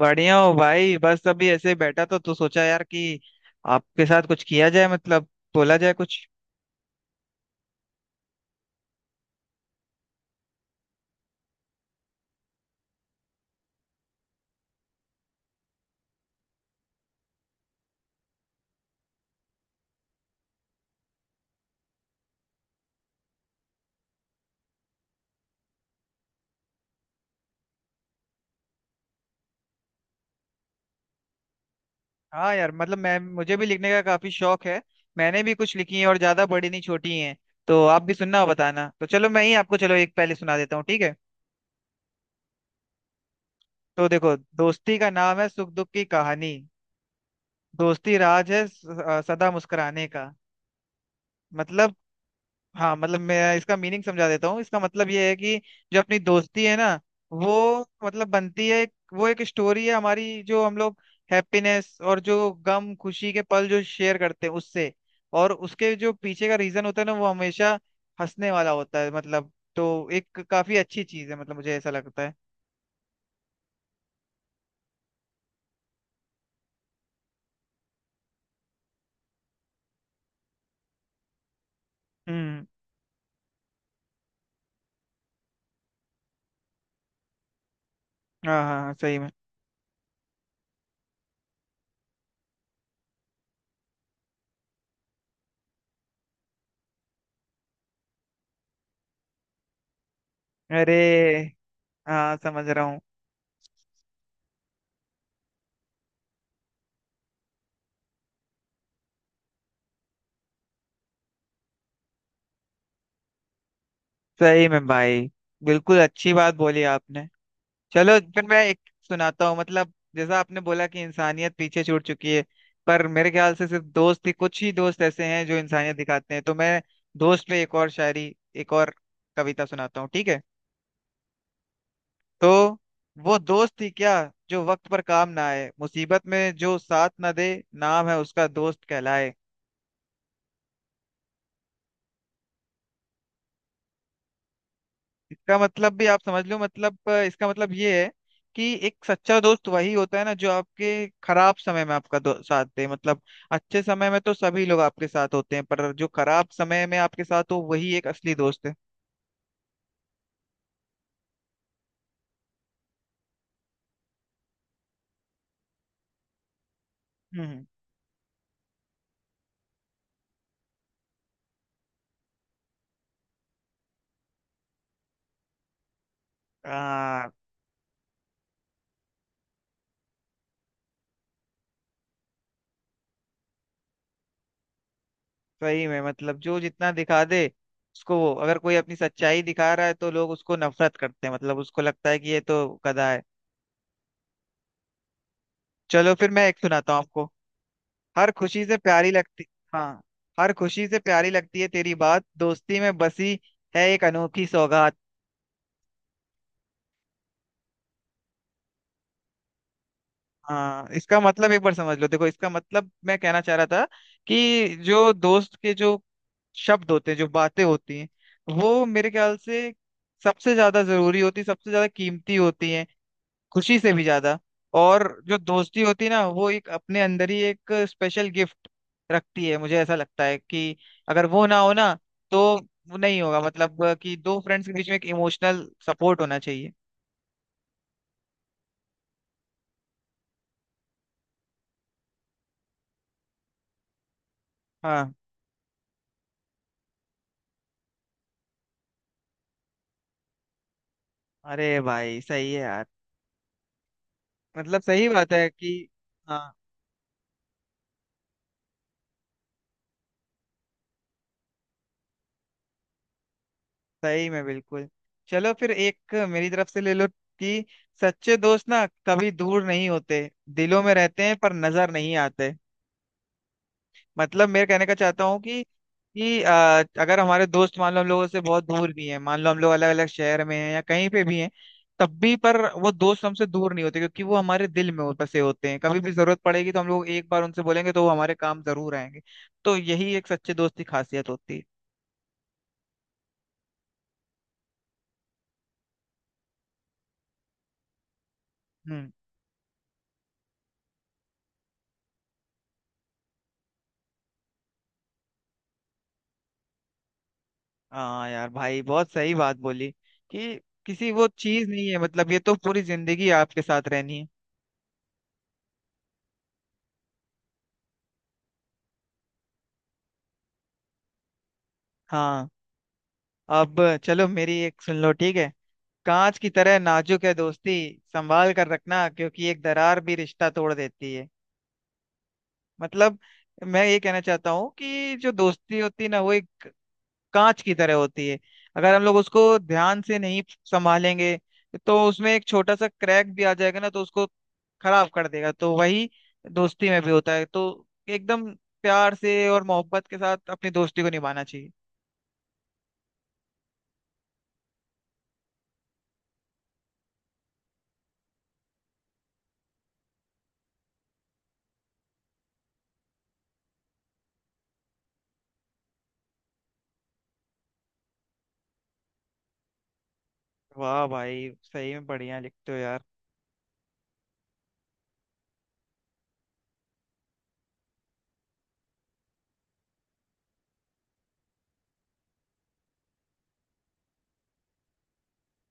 बढ़िया हो भाई। बस अभी ऐसे ही बैठा तो सोचा यार कि आपके साथ कुछ किया जाए मतलब बोला जाए कुछ। हाँ यार, मतलब मैं मुझे भी लिखने का काफी शौक है। मैंने भी कुछ लिखी है और ज्यादा बड़ी नहीं, छोटी हैं। तो आप भी सुनना और बताना। तो चलो, मैं ही आपको चलो एक पहले सुना देता हूँ, ठीक है। तो देखो, दोस्ती का नाम है सुख दुख की कहानी, दोस्ती राज है सदा मुस्कुराने का। मतलब। हाँ, मतलब मैं इसका मीनिंग समझा देता हूँ। इसका मतलब ये है कि जो अपनी दोस्ती है ना, वो मतलब बनती है। वो एक स्टोरी है हमारी, जो हम लोग हैप्पीनेस और जो गम खुशी के पल जो शेयर करते हैं उससे। और उसके जो पीछे का रीजन होता है ना, वो हमेशा हंसने वाला होता है मतलब। तो एक काफी अच्छी चीज है मतलब, मुझे ऐसा लगता है। हम्म। हाँ हाँ हाँ, सही में। अरे। हाँ, समझ रहा हूँ। सही में भाई, बिल्कुल अच्छी बात बोली आपने। चलो फिर मैं एक सुनाता हूँ। मतलब जैसा आपने बोला कि इंसानियत पीछे छूट चुकी है, पर मेरे ख्याल से सिर्फ दोस्त ही, कुछ ही दोस्त ऐसे हैं जो इंसानियत दिखाते हैं। तो मैं दोस्त पे एक और कविता सुनाता हूँ, ठीक है। तो, वो दोस्त ही क्या जो वक्त पर काम ना आए, मुसीबत में जो साथ ना दे, नाम है उसका दोस्त कहलाए। इसका मतलब भी आप समझ लो। मतलब इसका मतलब ये है कि एक सच्चा दोस्त वही होता है ना, जो आपके खराब समय में आपका साथ दे। मतलब अच्छे समय में तो सभी लोग आपके साथ होते हैं, पर जो खराब समय में आपके साथ हो वही एक असली दोस्त है। हम्म। हाँ, सही में, मतलब जो जितना दिखा दे उसको, वो अगर कोई अपनी सच्चाई दिखा रहा है तो लोग उसको नफरत करते हैं, मतलब उसको लगता है कि ये तो गधा है। चलो फिर मैं एक सुनाता हूँ आपको। हर खुशी से प्यारी लगती। हाँ, हर खुशी से प्यारी लगती है तेरी बात, दोस्ती में बसी है एक अनोखी सौगात। हाँ, इसका मतलब एक बार समझ लो। देखो, इसका मतलब मैं कहना चाह रहा था कि जो दोस्त के जो शब्द होते हैं, जो बातें होती हैं, वो मेरे ख्याल से सबसे ज्यादा कीमती होती हैं, खुशी से भी ज्यादा। और जो दोस्ती होती है ना, वो एक अपने अंदर ही एक स्पेशल गिफ्ट रखती है। मुझे ऐसा लगता है कि अगर वो ना हो ना, तो वो नहीं होगा, मतलब कि दो फ्रेंड्स के बीच में एक इमोशनल सपोर्ट होना चाहिए। हाँ। अरे भाई सही है यार। मतलब सही बात है कि, हाँ। सही में, बिल्कुल। चलो फिर एक मेरी तरफ से ले लो, कि सच्चे दोस्त ना कभी दूर नहीं होते, दिलों में रहते हैं पर नजर नहीं आते। मतलब मैं कहने का चाहता हूँ कि, कि अ, अगर हमारे दोस्त, मान लो हम लोगों से बहुत दूर भी हैं, मान लो हम लोग अलग अलग शहर में हैं या कहीं पे भी हैं, तब भी पर वो दोस्त हमसे दूर नहीं होते, क्योंकि वो हमारे दिल में बसे होते हैं। कभी भी जरूरत पड़ेगी तो हम लोग एक बार उनसे बोलेंगे तो वो हमारे काम जरूर आएंगे। तो यही एक सच्चे दोस्त की खासियत होती है। हम्म। हाँ यार भाई, बहुत सही बात बोली कि, किसी वो चीज नहीं है मतलब, ये तो पूरी जिंदगी आपके साथ रहनी है। हाँ। अब चलो मेरी एक सुन लो, ठीक है। कांच की तरह नाजुक है दोस्ती, संभाल कर रखना, क्योंकि एक दरार भी रिश्ता तोड़ देती है। मतलब मैं ये कहना चाहता हूँ कि जो दोस्ती होती है ना, वो एक कांच की तरह होती है। अगर हम लोग उसको ध्यान से नहीं संभालेंगे, तो उसमें एक छोटा सा क्रैक भी आ जाएगा ना, तो उसको खराब कर देगा। तो वही दोस्ती में भी होता है। तो एकदम प्यार से और मोहब्बत के साथ अपनी दोस्ती को निभाना चाहिए। वाह भाई, सही में बढ़िया लिखते हो यार।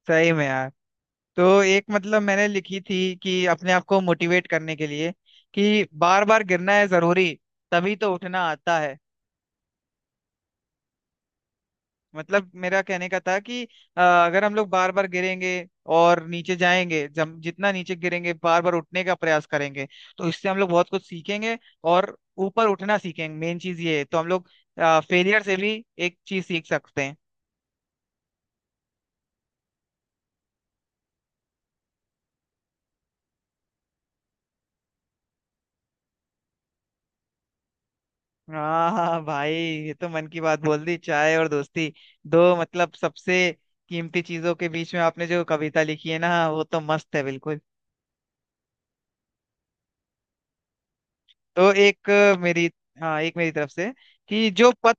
सही में यार। तो एक मतलब मैंने लिखी थी कि अपने आप को मोटिवेट करने के लिए, कि बार बार गिरना है जरूरी, तभी तो उठना आता है। मतलब मेरा कहने का था कि, अगर हम लोग बार बार गिरेंगे और नीचे जाएंगे, जब जितना नीचे गिरेंगे, बार बार उठने का प्रयास करेंगे, तो इससे हम लोग बहुत कुछ सीखेंगे और ऊपर उठना सीखेंगे। मेन चीज ये है। तो हम लोग फेलियर से भी एक चीज सीख सकते हैं। हाँ हाँ भाई, ये तो मन की बात बोल दी। चाय और दोस्ती दो, मतलब सबसे कीमती चीजों के बीच में आपने जो कविता लिखी है ना, वो तो मस्त है बिल्कुल। तो एक मेरी। हाँ, एक मेरी तरफ से, कि जो पथ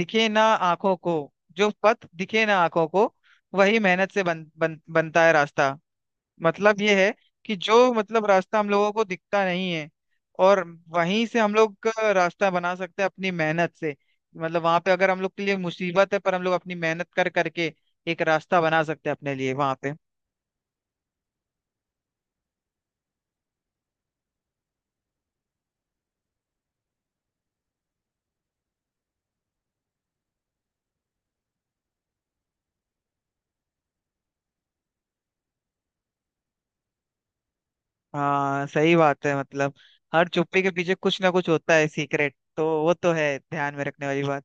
दिखे ना आंखों को, जो पथ दिखे ना आंखों को, वही मेहनत से बन, बन, बनता है रास्ता। मतलब ये है कि जो मतलब रास्ता हम लोगों को दिखता नहीं है, और वहीं से हम लोग का रास्ता बना सकते हैं अपनी मेहनत से। मतलब वहां पे अगर हम लोग के लिए मुसीबत है, पर हम लोग अपनी मेहनत कर करके एक रास्ता बना सकते हैं अपने लिए वहां पे। हाँ, सही बात है। मतलब हर चुप्पी के पीछे कुछ ना कुछ होता है सीक्रेट, तो वो तो है ध्यान में रखने वाली बात।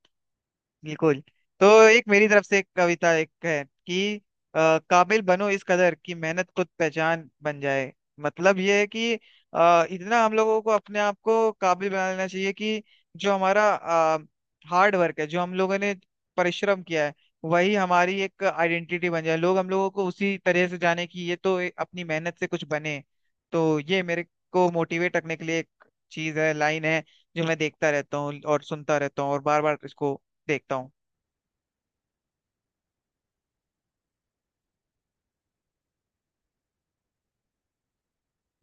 बिल्कुल। तो एक मेरी तरफ से एक कविता एक है कि, काबिल बनो इस कदर कि मेहनत खुद पहचान बन जाए। मतलब ये है कि, इतना हम लोगों को अपने आप को काबिल बना लेना चाहिए कि जो हमारा हार्ड वर्क है, जो हम लोगों ने परिश्रम किया है, वही हमारी एक आइडेंटिटी बन जाए, लोग हम लोगों को उसी तरह से जाने कि ये तो अपनी मेहनत से कुछ बने। तो ये मेरे को मोटिवेट रखने के लिए एक चीज है, लाइन है, जो मैं देखता रहता हूँ और सुनता रहता हूँ और बार बार इसको देखता हूँ।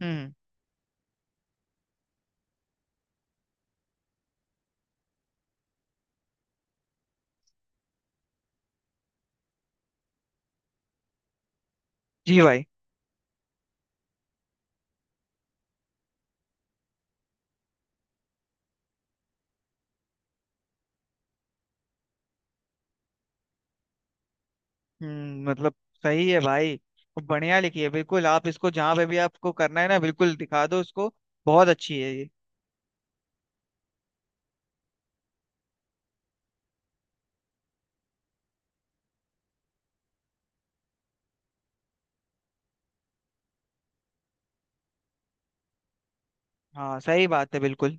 हम्म। जी भाई। हम्म, मतलब सही है भाई, बढ़िया लिखी है बिल्कुल। आप इसको जहाँ पे भी आपको करना है ना, बिल्कुल दिखा दो उसको। बहुत अच्छी है ये। हाँ, सही बात है बिल्कुल।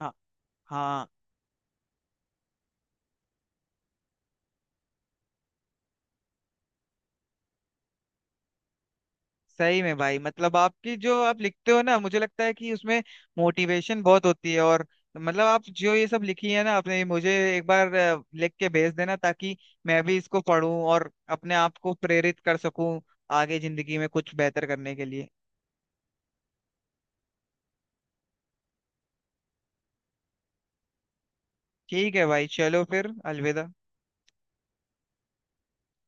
हाँ। हाँ सही में भाई, मतलब आपकी जो आप लिखते हो ना, मुझे लगता है कि उसमें मोटिवेशन बहुत होती है। और मतलब आप जो ये सब लिखी है ना आपने, मुझे एक बार लिख के भेज देना, ताकि मैं भी इसको पढूं और अपने आप को प्रेरित कर सकूं आगे जिंदगी में कुछ बेहतर करने के लिए। ठीक है भाई, चलो फिर अलविदा।